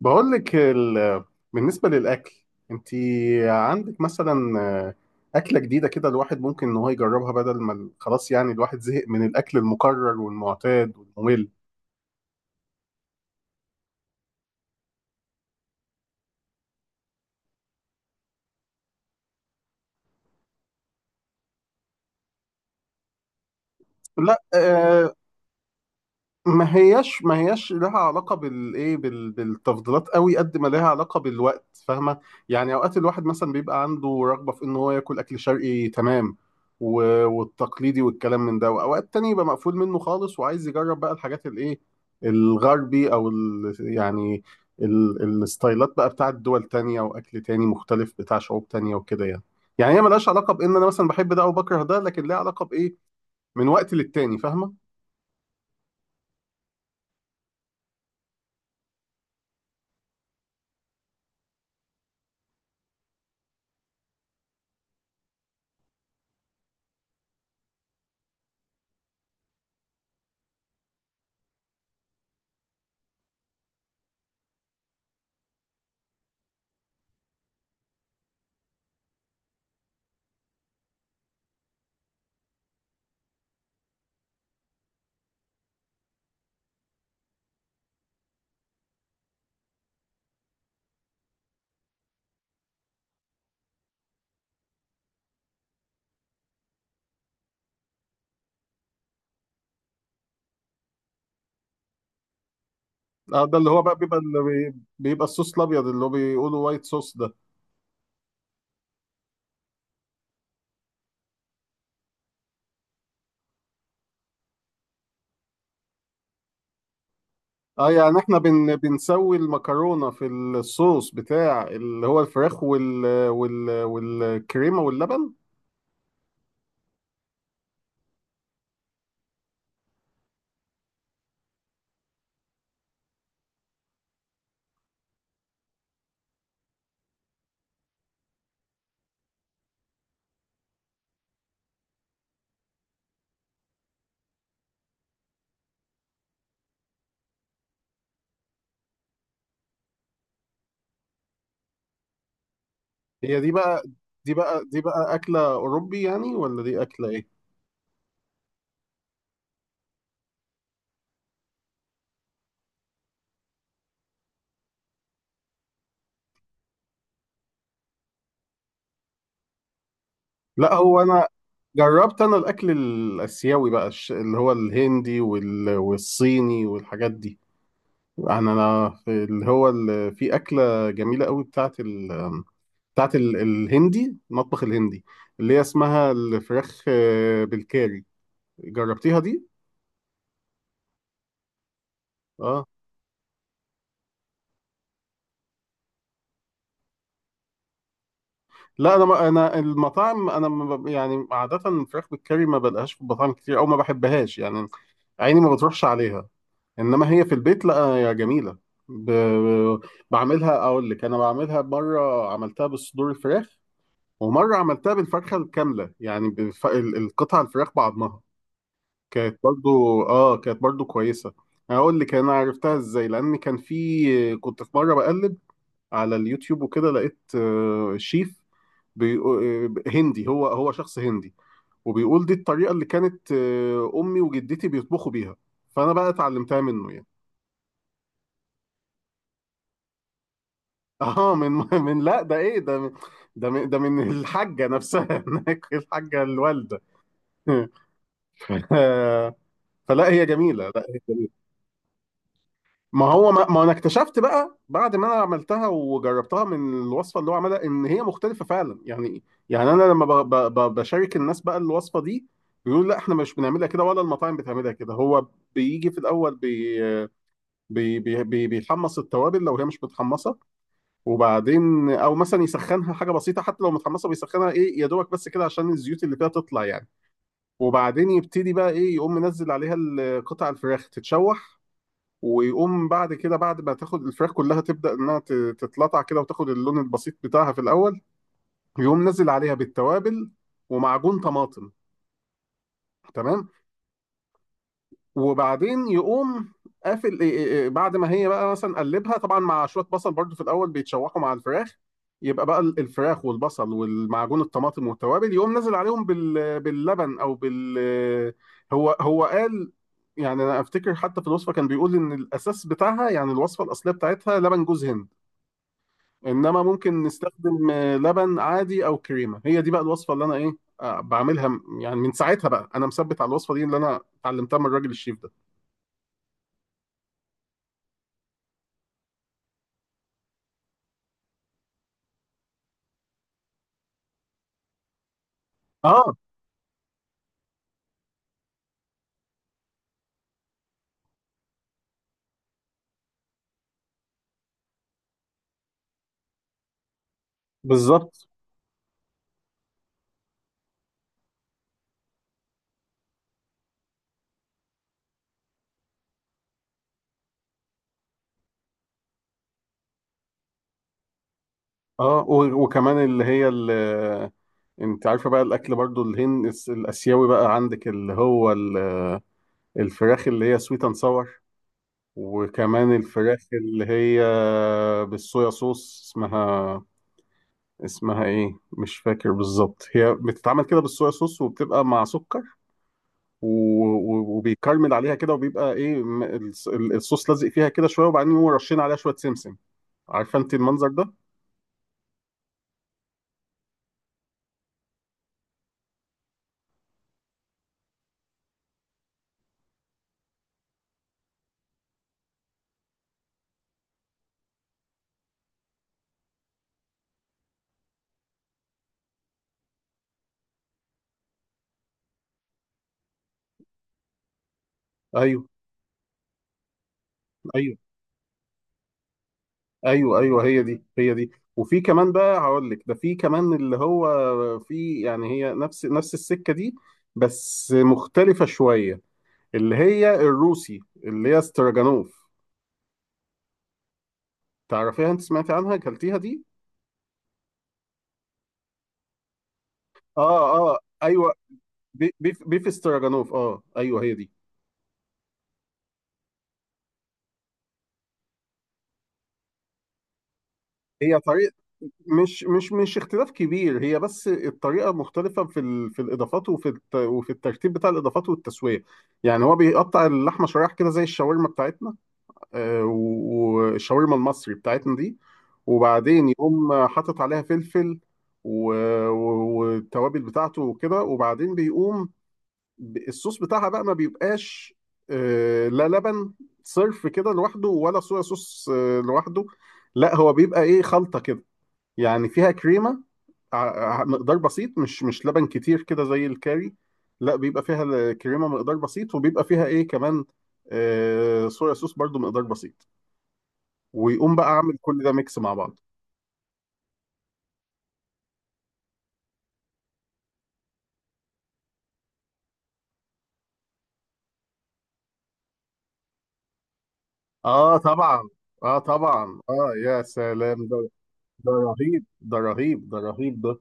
بقول لك بالنسبة للأكل، أنت عندك مثلا أكلة جديدة كده الواحد ممكن إن هو يجربها بدل ما خلاص، يعني الواحد زهق من الأكل المكرر والمعتاد والممل. لا، ما هياش لها علاقة بالايه بالتفضيلات قوي قد ما لها علاقة بالوقت، فاهمة؟ يعني اوقات الواحد مثلا بيبقى عنده رغبة في ان هو ياكل اكل شرقي، تمام، و- والتقليدي والكلام من ده، واوقات تاني يبقى مقفول منه خالص وعايز يجرب بقى الحاجات الايه، الغربي او ال يعني، الستايلات بقى بتاعت دول تانية واكل تاني مختلف بتاع شعوب تانية وكده يعني. يعني هي ملهاش علاقة بان انا مثلا بحب ده او بكره ده، لكن ليها علاقة بايه، من وقت للتاني، فاهمة؟ اه، ده اللي هو بقى بيبقى اللي بيبقى الصوص الابيض، اللي هو بيقولوا وايت صوص ده. اه يعني احنا بنسوي المكرونه في الصوص بتاع اللي هو الفراخ وال وال والكريمه واللبن. هي دي بقى دي بقى اكله اوروبي يعني، ولا دي اكله ايه؟ لا هو انا جربت، انا الاكل الاسيوي بقى، اللي هو الهندي وال والصيني والحاجات دي. يعني انا في اللي هو في اكله جميله قوي بتاعت الهندي، المطبخ الهندي، اللي هي اسمها الفراخ بالكاري. جربتيها دي؟ اه. لا انا، ما انا المطاعم انا ما ب- يعني عاده الفراخ بالكاري ما بلقاش في المطاعم كتير، او ما بحبهاش يعني، عيني ما بتروحش عليها. انما هي في البيت، لا يا جميله. ب... بعملها، اقول لك انا بعملها. مره عملتها بالصدور الفراخ، ومره عملتها بالفرخه الكامله، يعني القطع الفراخ بعضمها، كانت برضو، اه، كانت برضو كويسة. هقول لك انا عرفتها ازاي. لان كان في كنت في مرة بقلب على اليوتيوب وكده، لقيت شيف، هندي، هو شخص هندي، وبيقول دي الطريقة اللي كانت امي وجدتي بيطبخوا بيها، فانا بقى اتعلمتها منه يعني. اه، من، من، لا ده ايه، ده من، ده من، ده من الحاجة نفسها. هناك الحاجة الوالدة. آه، فلا هي جميلة، لا هي جميلة. ما هو، ما انا اكتشفت بقى بعد ما انا عملتها وجربتها من الوصفه اللي هو عملها، ان هي مختلفه فعلا يعني. يعني انا لما بشارك الناس بقى الوصفه دي، بيقولوا لا احنا مش بنعملها كده، ولا المطاعم بتعملها كده. هو بيجي في الاول بي بي بي بي بيحمص التوابل لو هي مش متحمصه، وبعدين او مثلا يسخنها حاجه بسيطه، حتى لو متحمصه بيسخنها ايه، يا دوبك بس كده عشان الزيوت اللي فيها تطلع يعني. وبعدين يبتدي بقى ايه، يقوم منزل عليها قطع الفراخ تتشوح. ويقوم بعد كده، بعد ما تاخد الفراخ كلها تبدأ انها تتلطع كده وتاخد اللون البسيط بتاعها في الاول، يقوم نزل عليها بالتوابل ومعجون طماطم، تمام. وبعدين يقوم قافل، إيه، بعد ما هي بقى مثلا قلبها، طبعا مع شوية بصل برضو في الاول بيتشوحوا مع الفراخ، يبقى بقى الفراخ والبصل والمعجون الطماطم والتوابل، يقوم نزل عليهم باللبن او بال، هو قال، يعني انا افتكر حتى في الوصفه كان بيقول ان الاساس بتاعها، يعني الوصفه الاصليه بتاعتها لبن جوز هند، انما ممكن نستخدم لبن عادي او كريمه. هي دي بقى الوصفه اللي انا ايه، بعملها. يعني من ساعتها بقى انا مثبت على الوصفه دي اللي انا اتعلمتها من الراجل الشيف ده. اه بالظبط. اه و- وكمان اللي هي، اللي انت عارفه بقى الاكل برضو الهند، الاسيوي بقى، عندك اللي هو الفراخ اللي هي سويت اند ساور، وكمان الفراخ اللي هي بالصويا صوص، اسمها اسمها ايه مش فاكر بالظبط، هي بتتعمل كده بالصويا صوص وبتبقى مع سكر، و- و- وبيكرمل عليها كده، وبيبقى ايه، الص- الصوص لازق فيها كده شويه، وبعدين يقوموا رشين عليها شويه سمسم. عارفه انت المنظر ده؟ ايوه، ايوه، ايوه، ايوه، هي دي هي دي. وفي كمان بقى، هقول لك ده في كمان اللي هو، في يعني هي نفس نفس السكه دي بس مختلفه شويه، اللي هي الروسي، اللي هي استراجانوف. تعرفيها انت؟ سمعتي عنها؟ اكلتيها دي؟ اه، اه، ايوه. بيف استراجانوف، اه ايوه هي دي. هي طريقه، مش اختلاف كبير، هي بس الطريقه مختلفه في في الاضافات، وفي وفي الترتيب بتاع الاضافات والتسويه. يعني هو بيقطع اللحمه شرايح كده زي الشاورما بتاعتنا، و- والشاورما المصري بتاعتنا دي، وبعدين يقوم حاطط عليها فلفل و... و- والتوابل بتاعته وكده، وبعدين بيقوم، الصوص بتاعها بقى ما بيبقاش لا لبن صرف كده لوحده، ولا صويا صوص لوحده، لا هو بيبقى ايه، خلطه كده، يعني فيها كريمه، ع- مقدار بسيط، مش لبن كتير كده زي الكاري، لا بيبقى فيها الكريمه مقدار بسيط، وبيبقى فيها ايه كمان، آه صويا صوص برضو مقدار بسيط، ويقوم بقى عامل كل ده ميكس مع بعض. اه طبعا، اه طبعا، اه يا سلام ده، ده رهيب، ده رهيب، ده رهيب ده.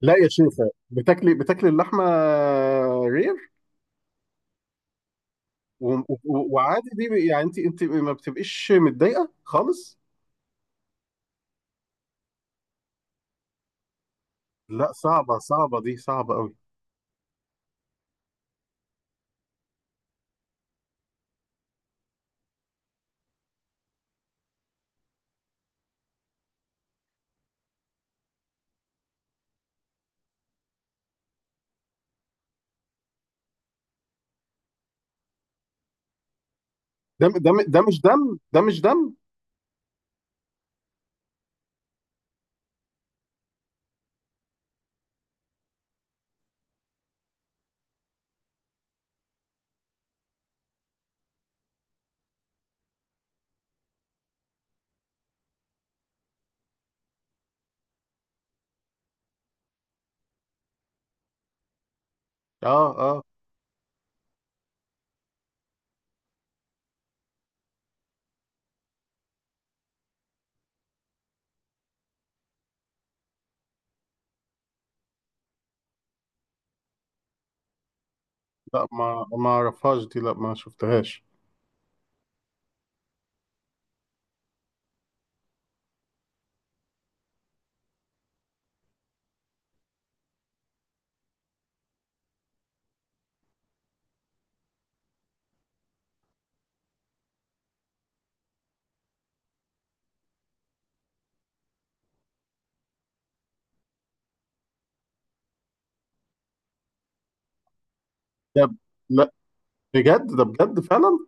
لا يا شيخة، بتاكلي اللحمه رير؟ و- و- وعادي دي، يعني انت ما بتبقيش متضايقه خالص؟ لا صعبه، صعبه دي، صعبه قوي. دم، دم، ده مش دم، ده مش دم. اه اه، لا ما اعرفهاش دي، لا ما شفتهاش. ده ب- لا بجد، ده بجد فعلا؟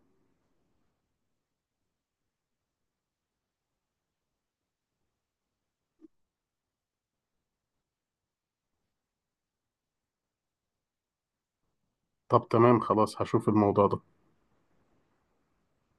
طب تمام، خلاص، هشوف الموضوع ده.